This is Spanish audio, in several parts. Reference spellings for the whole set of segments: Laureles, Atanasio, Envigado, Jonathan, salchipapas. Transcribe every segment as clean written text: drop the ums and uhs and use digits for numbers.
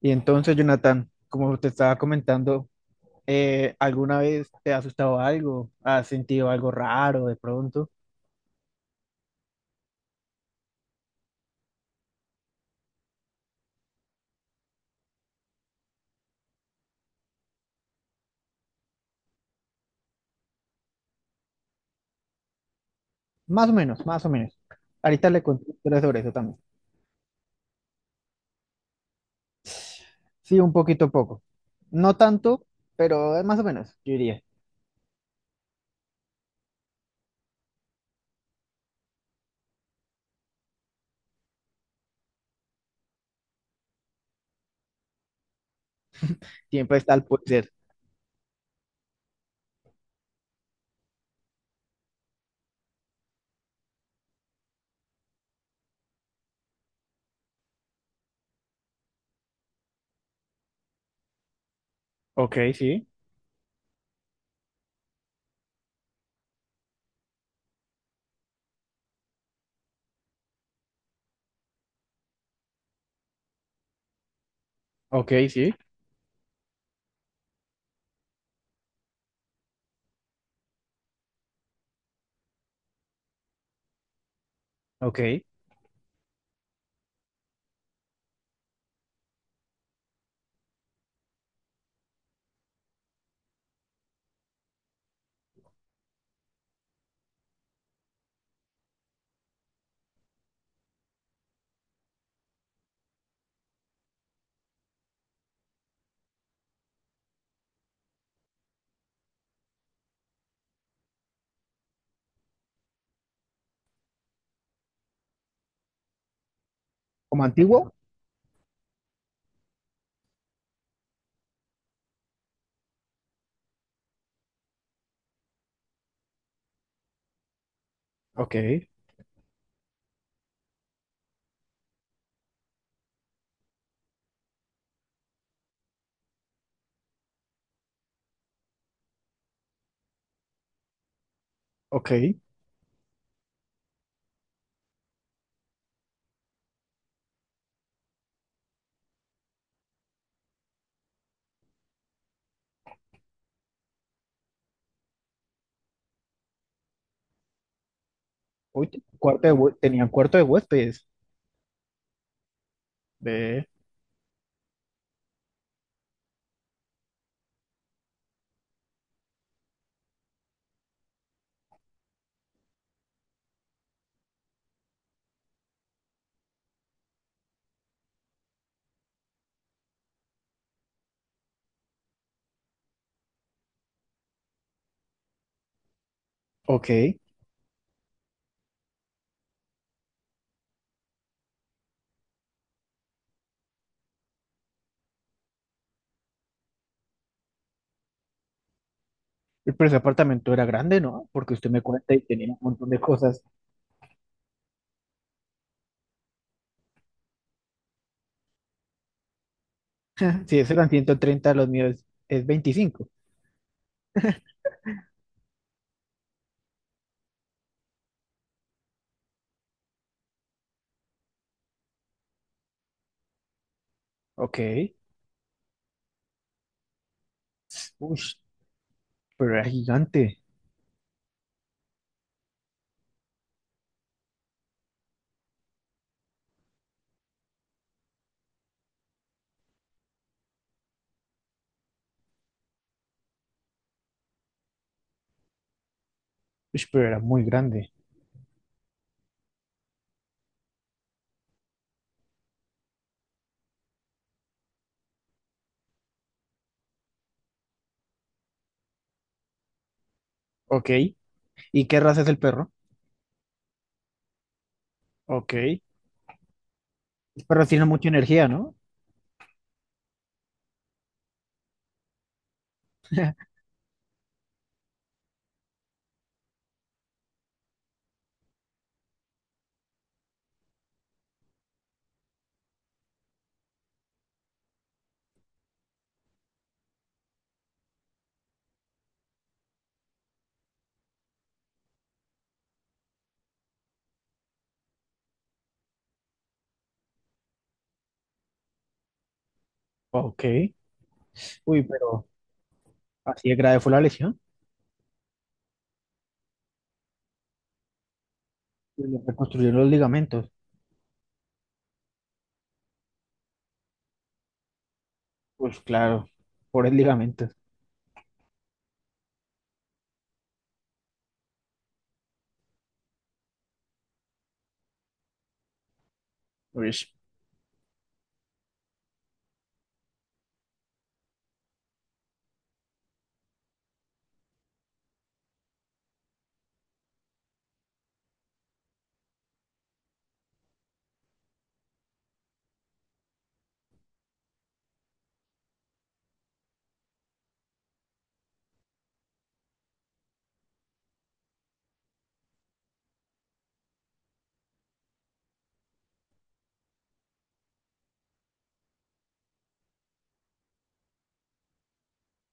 Y entonces, Jonathan, como te estaba comentando, ¿alguna vez te ha asustado algo? ¿Has sentido algo raro de pronto? Más o menos, más o menos. Ahorita le conté historias sobre eso también. Sí, un poquito a poco. No tanto, pero más o menos, yo diría. Siempre está el puede ser. Ok, sí. Ok, sí. Ok. Como antiguo. Ok, ok. Uy, tenían cuarto de huéspedes. Ve. Ok. Pero ese apartamento era grande, ¿no? Porque usted me cuenta y tenía un montón de cosas. Si esos eran 130 los míos es 25. Ok. Uy, pero era gigante. Uy, pero era muy grande. Ok. ¿Y qué raza es el perro? Ok. El perro tiene mucha energía, ¿no? Ok. Uy, pero así de grave fue la lesión. Y le reconstruyeron los ligamentos. Pues claro, pobres ligamentos. Uy.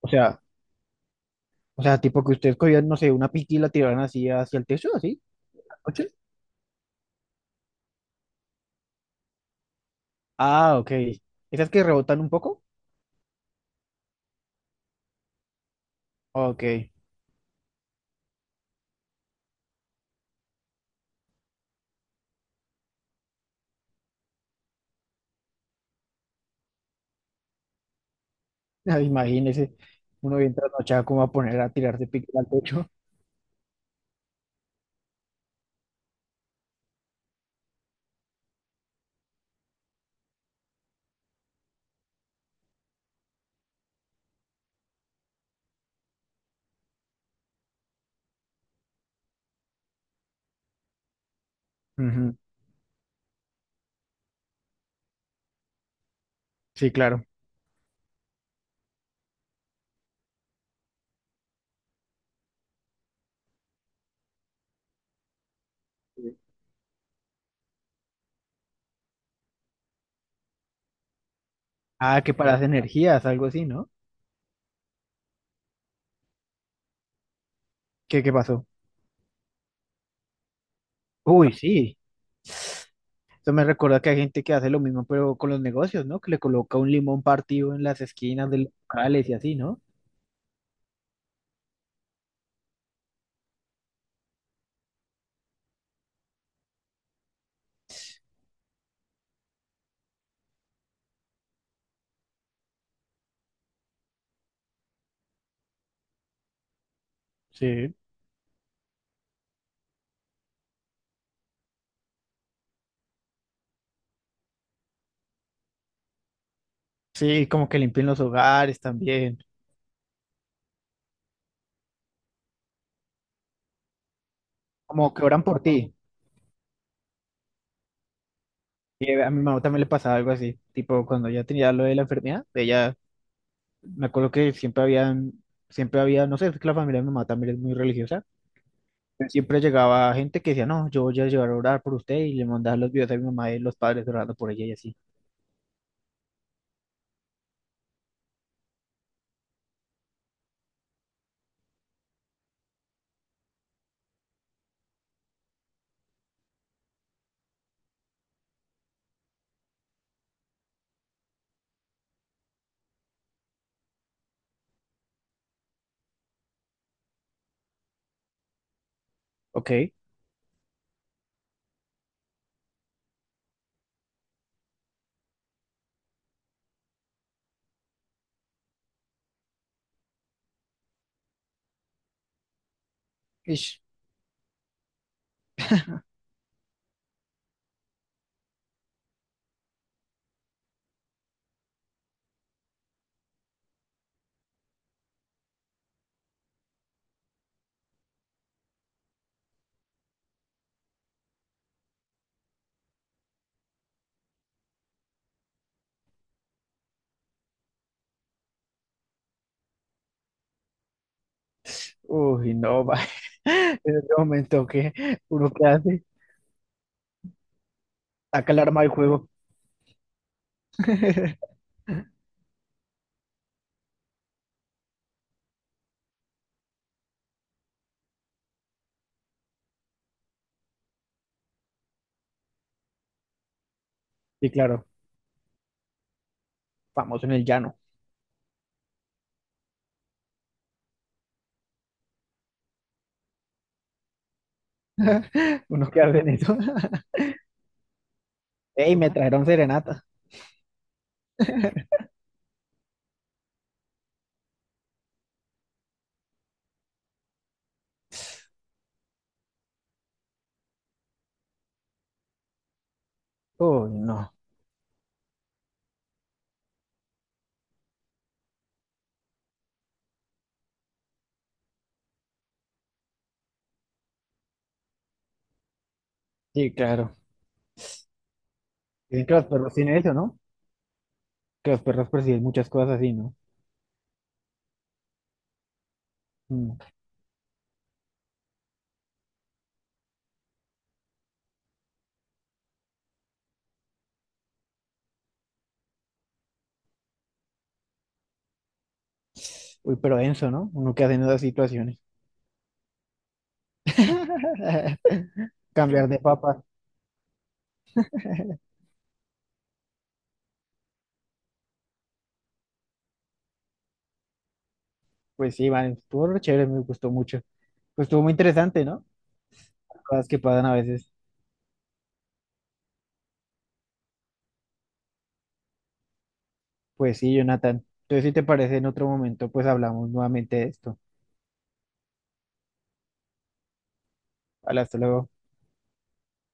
O sea, tipo que ustedes cogían, no sé, una piquila y la tiraban así hacia el techo, así, anoche. Ah, ok. ¿Esas que rebotan un poco? Ok. Imagínese, uno bien trasnochado, ¿cómo va a poner a tirarse pique al techo? Ujú. Sí, claro. Ah, que para las energías, algo así, ¿no? ¿Qué pasó? Uy, sí. Eso me recuerda que hay gente que hace lo mismo, pero con los negocios, ¿no? Que le coloca un limón partido en las esquinas de los locales y así, ¿no? Sí. Sí, como que limpian los hogares también. Como que oran por ti. A mi mamá también le pasaba algo así. Tipo, cuando ya tenía lo de la enfermedad, ella, me acuerdo que siempre había, no sé, es que la familia de mi mamá también es muy religiosa, siempre llegaba gente que decía, no, yo voy a llegar a orar por usted y le mandaba los videos a mi mamá y los padres orando por ella y así. Ok. Ish. Uy, no, va. En ese momento que uno que hace, saca el arma del juego. Y claro, famoso en el llano. Uno que hace en eso. Ey, me trajeron serenata. Uy, no. Sí, claro. Dicen que los perros tienen eso, ¿no? Que los perros perciben muchas cosas así, ¿no? Mm. Uy, pero denso, ¿no? Uno que hace en esas situaciones. Cambiar de papa. Pues sí, vale, estuvo re chévere, me gustó mucho. Pues estuvo muy interesante, ¿no? Cosas que pasan a veces. Pues sí, Jonathan. Entonces, si te parece, en otro momento, pues hablamos nuevamente de esto. Vale, hasta luego.